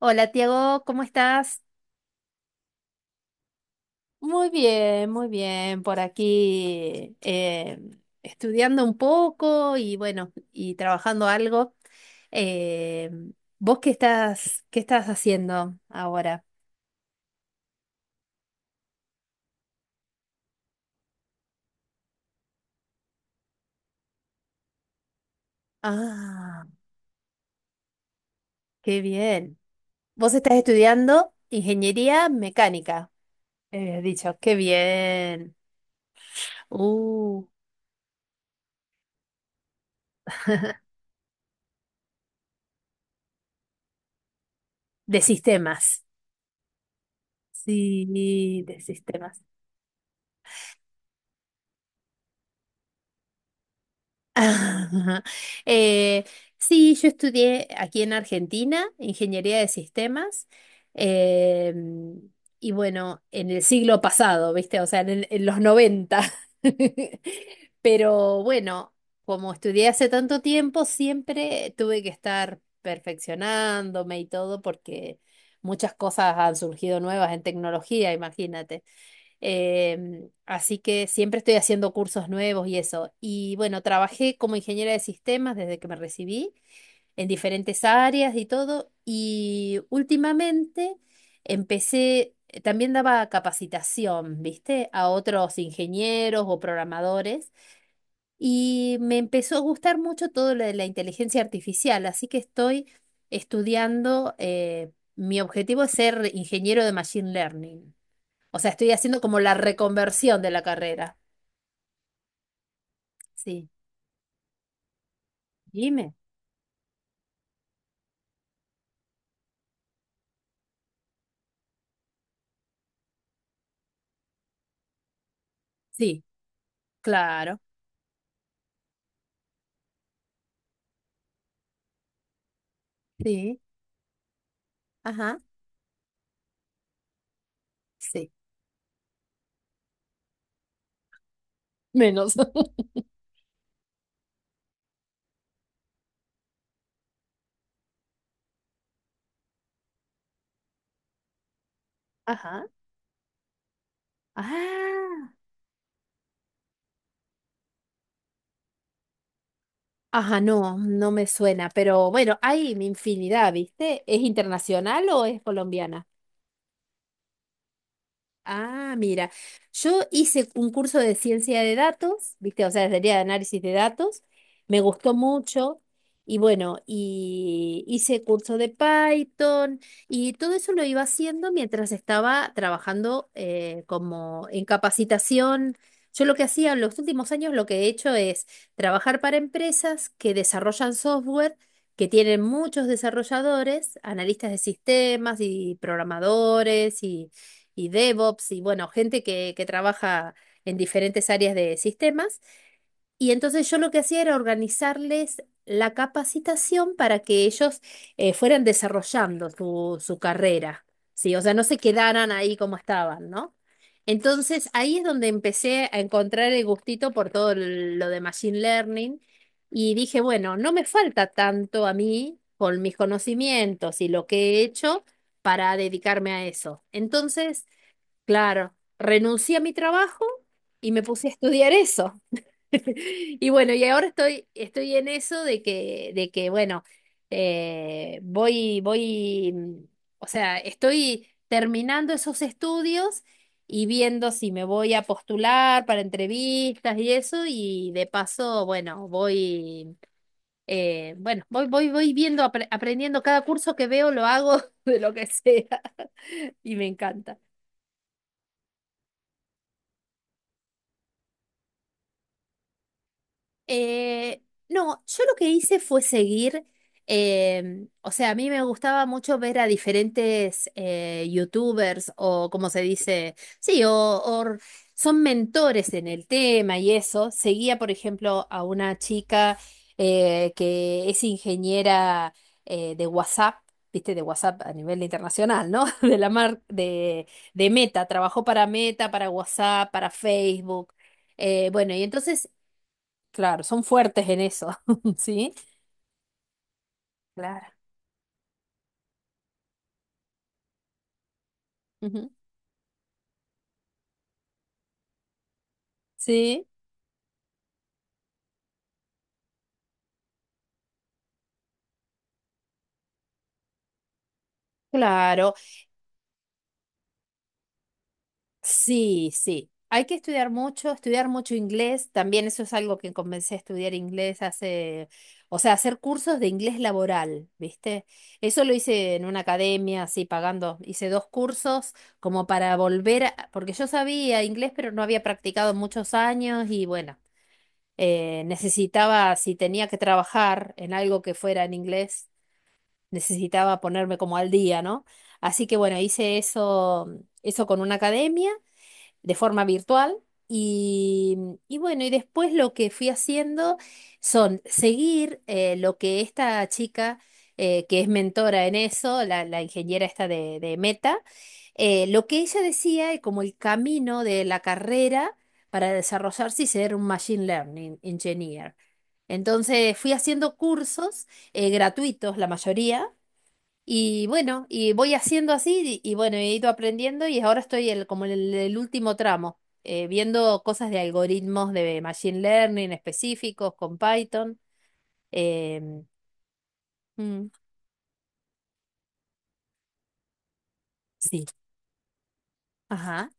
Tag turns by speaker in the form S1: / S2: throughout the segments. S1: Hola, Tiago, ¿cómo estás? Muy bien, muy bien. Por aquí estudiando un poco y bueno, y trabajando algo. Eh, ¿Vos qué estás haciendo ahora? Ah, qué bien. Vos estás estudiando ingeniería mecánica, dicho, qué bien. Uh, de sistemas. Sí, de sistemas. Ajá. Eh, sí, yo estudié aquí en Argentina ingeniería de sistemas em, y bueno, en el siglo pasado, ¿viste? O sea, en los noventa. Pero bueno, como estudié hace tanto tiempo, siempre tuve que estar perfeccionándome y todo porque muchas cosas han surgido nuevas en tecnología, imagínate. Así que siempre estoy haciendo cursos nuevos y eso. Y bueno, trabajé como ingeniera de sistemas desde que me recibí en diferentes áreas y todo. Y últimamente empecé, también daba capacitación, ¿viste? A otros ingenieros o programadores. Y me empezó a gustar mucho todo lo de la inteligencia artificial. Así que estoy estudiando, mi objetivo es ser ingeniero de Machine Learning. O sea, estoy haciendo como la reconversión de la carrera. Sí, dime. Sí, claro. Sí, ajá, sí. Menos. Ajá. Ah, ajá, no, no me suena, pero bueno, hay infinidad, ¿viste? ¿Es internacional o es colombiana? Ah, mira, yo hice un curso de ciencia de datos, ¿viste? O sea, sería de análisis de datos, me gustó mucho y bueno, y hice curso de Python y todo eso lo iba haciendo mientras estaba trabajando como en capacitación. Yo lo que hacía en los últimos años, lo que he hecho es trabajar para empresas que desarrollan software, que tienen muchos desarrolladores, analistas de sistemas y programadores y DevOps y bueno, gente que trabaja en diferentes áreas de sistemas. Y entonces yo lo que hacía era organizarles la capacitación para que ellos fueran desarrollando su carrera, ¿sí? O sea, no se quedaran ahí como estaban, ¿no? Entonces ahí es donde empecé a encontrar el gustito por lo de Machine Learning y dije, bueno, no me falta tanto a mí con mis conocimientos y lo que he hecho para dedicarme a eso. Entonces claro, renuncié a mi trabajo y me puse a estudiar eso. Y bueno, y ahora estoy en eso de que bueno, eh, voy, voy, mm, o sea, estoy terminando esos estudios y viendo si me voy a postular para entrevistas y eso, y de paso, bueno, voy, voy viendo, aprendiendo cada curso que veo, lo hago de lo que sea, y me encanta. Eh, no, yo lo que hice fue seguir, o sea, a mí me gustaba mucho ver a diferentes youtubers o como se dice, sí, son mentores en el tema y eso. Seguía, por ejemplo, a una chica que es ingeniera de WhatsApp. Viste, de WhatsApp a nivel internacional, ¿no? De la mar de Meta, trabajó para Meta, para WhatsApp, para Facebook. Bueno, y entonces claro, son fuertes en eso, ¿sí? Claro. Ujú. Sí, claro. Sí, sí. Hay que estudiar mucho inglés. También eso es algo que comencé a estudiar inglés hace, o sea, hacer cursos de inglés laboral, ¿viste? Eso lo hice en una academia, así pagando. Hice dos cursos como para volver, porque yo sabía inglés, pero no había practicado muchos años y bueno, necesitaba, si tenía que trabajar en algo que fuera en inglés. Necesitaba ponerme como al día, ¿no? Así que bueno, hice eso, eso con una academia de forma virtual y, y bueno, y después lo que fui haciendo son seguir lo que esta chica, que es mentora en eso, la ingeniera esta de Meta, lo que ella decía y como el camino de la carrera para desarrollarse y ser un Machine Learning Engineer. Entonces fui haciendo cursos gratuitos, la mayoría, y bueno, y voy haciendo así y bueno, he ido aprendiendo y ahora como en el último tramo, viendo cosas de algoritmos de machine learning específicos con Python. em, mm, sí, ajá,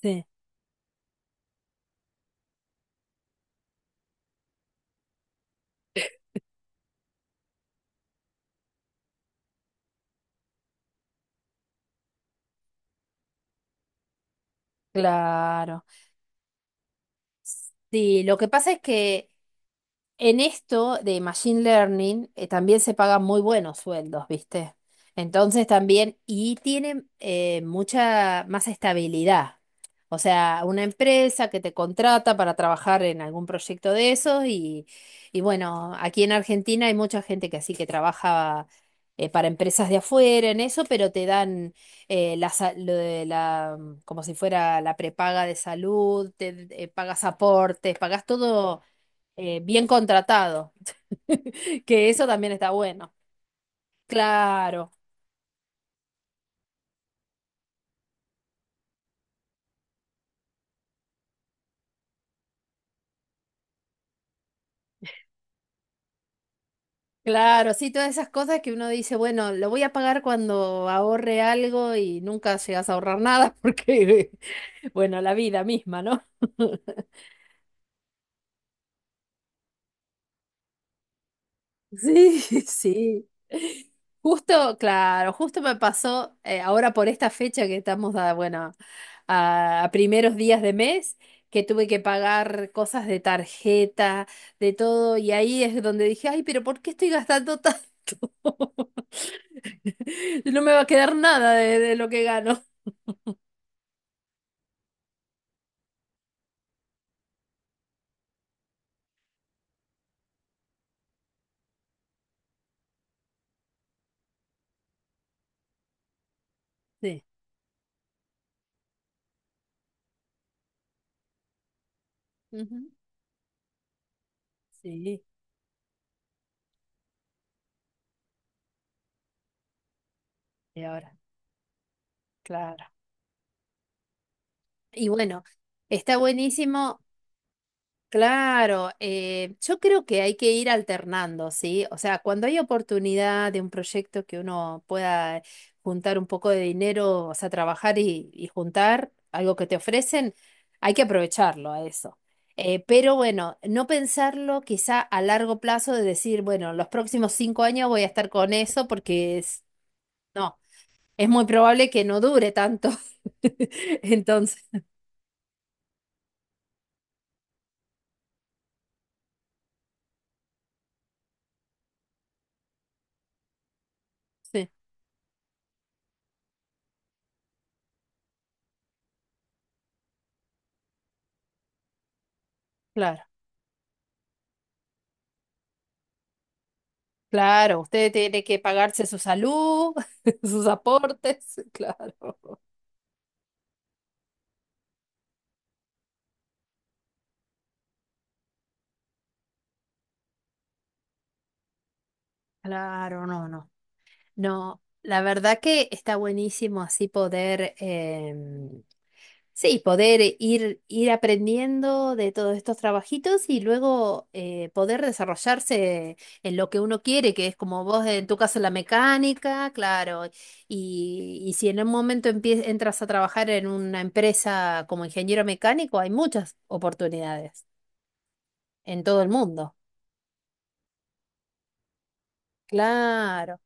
S1: sí, claro. Sí, lo que pasa es que en esto de Machine Learning también se pagan muy buenos sueldos, ¿viste? Entonces también, y tienen mucha más estabilidad. O sea, una empresa que te contrata para trabajar en algún proyecto de esos y bueno, aquí en Argentina hay mucha gente que así que trabaja para empresas de afuera en eso, pero te dan lo de como si fuera la prepaga de salud, te pagas aportes, pagas todo bien contratado, que eso también está bueno. Claro, claro, sí, todas esas cosas que uno dice, bueno, lo voy a pagar cuando ahorre algo y nunca llegas a ahorrar nada porque, bueno, la vida misma, ¿no? Sí, sí. Justo, claro, justo me pasó ahora por esta fecha que estamos a, bueno, a primeros días de mes, que tuve que pagar cosas de tarjeta, de todo, y ahí es donde dije, ay, pero ¿por qué estoy gastando tanto? No me va a quedar nada de, de lo que gano. Sí. Ujú. Sí, y ahora, claro. Y bueno, está buenísimo. Claro, yo creo que hay que ir alternando, ¿sí? O sea, cuando hay oportunidad de un proyecto que uno pueda juntar un poco de dinero, o sea, trabajar y juntar algo que te ofrecen, hay que aprovecharlo a eso. Pero bueno, no pensarlo quizá a largo plazo de decir, bueno, los próximos cinco años voy a estar con eso porque es, no, es muy probable que no dure tanto. Entonces, sí, claro. Claro, usted tiene que pagarse su salud, sus aportes, claro. Claro, no, no. No, la verdad que está buenísimo así poder, sí, poder ir aprendiendo de todos estos trabajitos y luego poder desarrollarse en lo que uno quiere, que es como vos en tu caso la mecánica, claro, y si en un momento entras a trabajar en una empresa como ingeniero mecánico, hay muchas oportunidades en todo el mundo. Claro.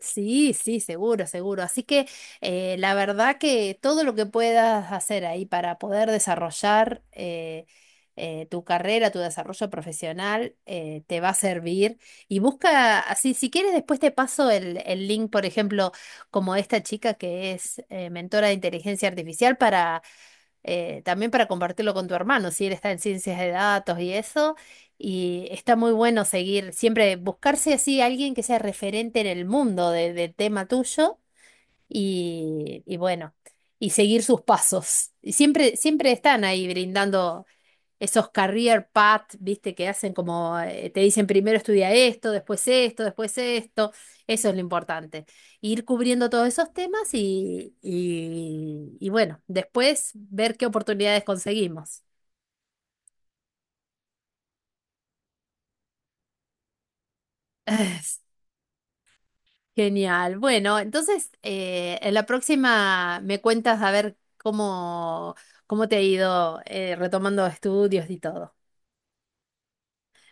S1: Sí, sí, seguro, seguro. Así que la verdad que todo lo que puedas hacer ahí para poder desarrollar tu carrera, tu desarrollo profesional, te va a servir. Y busca, así, si quieres, después te paso el link, por ejemplo, como esta chica que es mentora de inteligencia artificial también para compartirlo con tu hermano, si él está en ciencias de datos y eso, y está muy bueno seguir, siempre buscarse así alguien que sea referente en el mundo del tema tuyo y bueno, y seguir sus pasos. Y siempre, siempre están ahí brindando esos career path, viste, que hacen como, te dicen primero estudia esto, después esto, después esto, eso es lo importante. Ir cubriendo todos esos temas y bueno, después ver qué oportunidades conseguimos. Genial. Bueno, entonces, en la próxima me cuentas a ver cómo, cómo te ha ido retomando estudios y todo.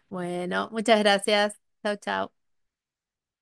S1: Bueno, muchas gracias. Chao, chao.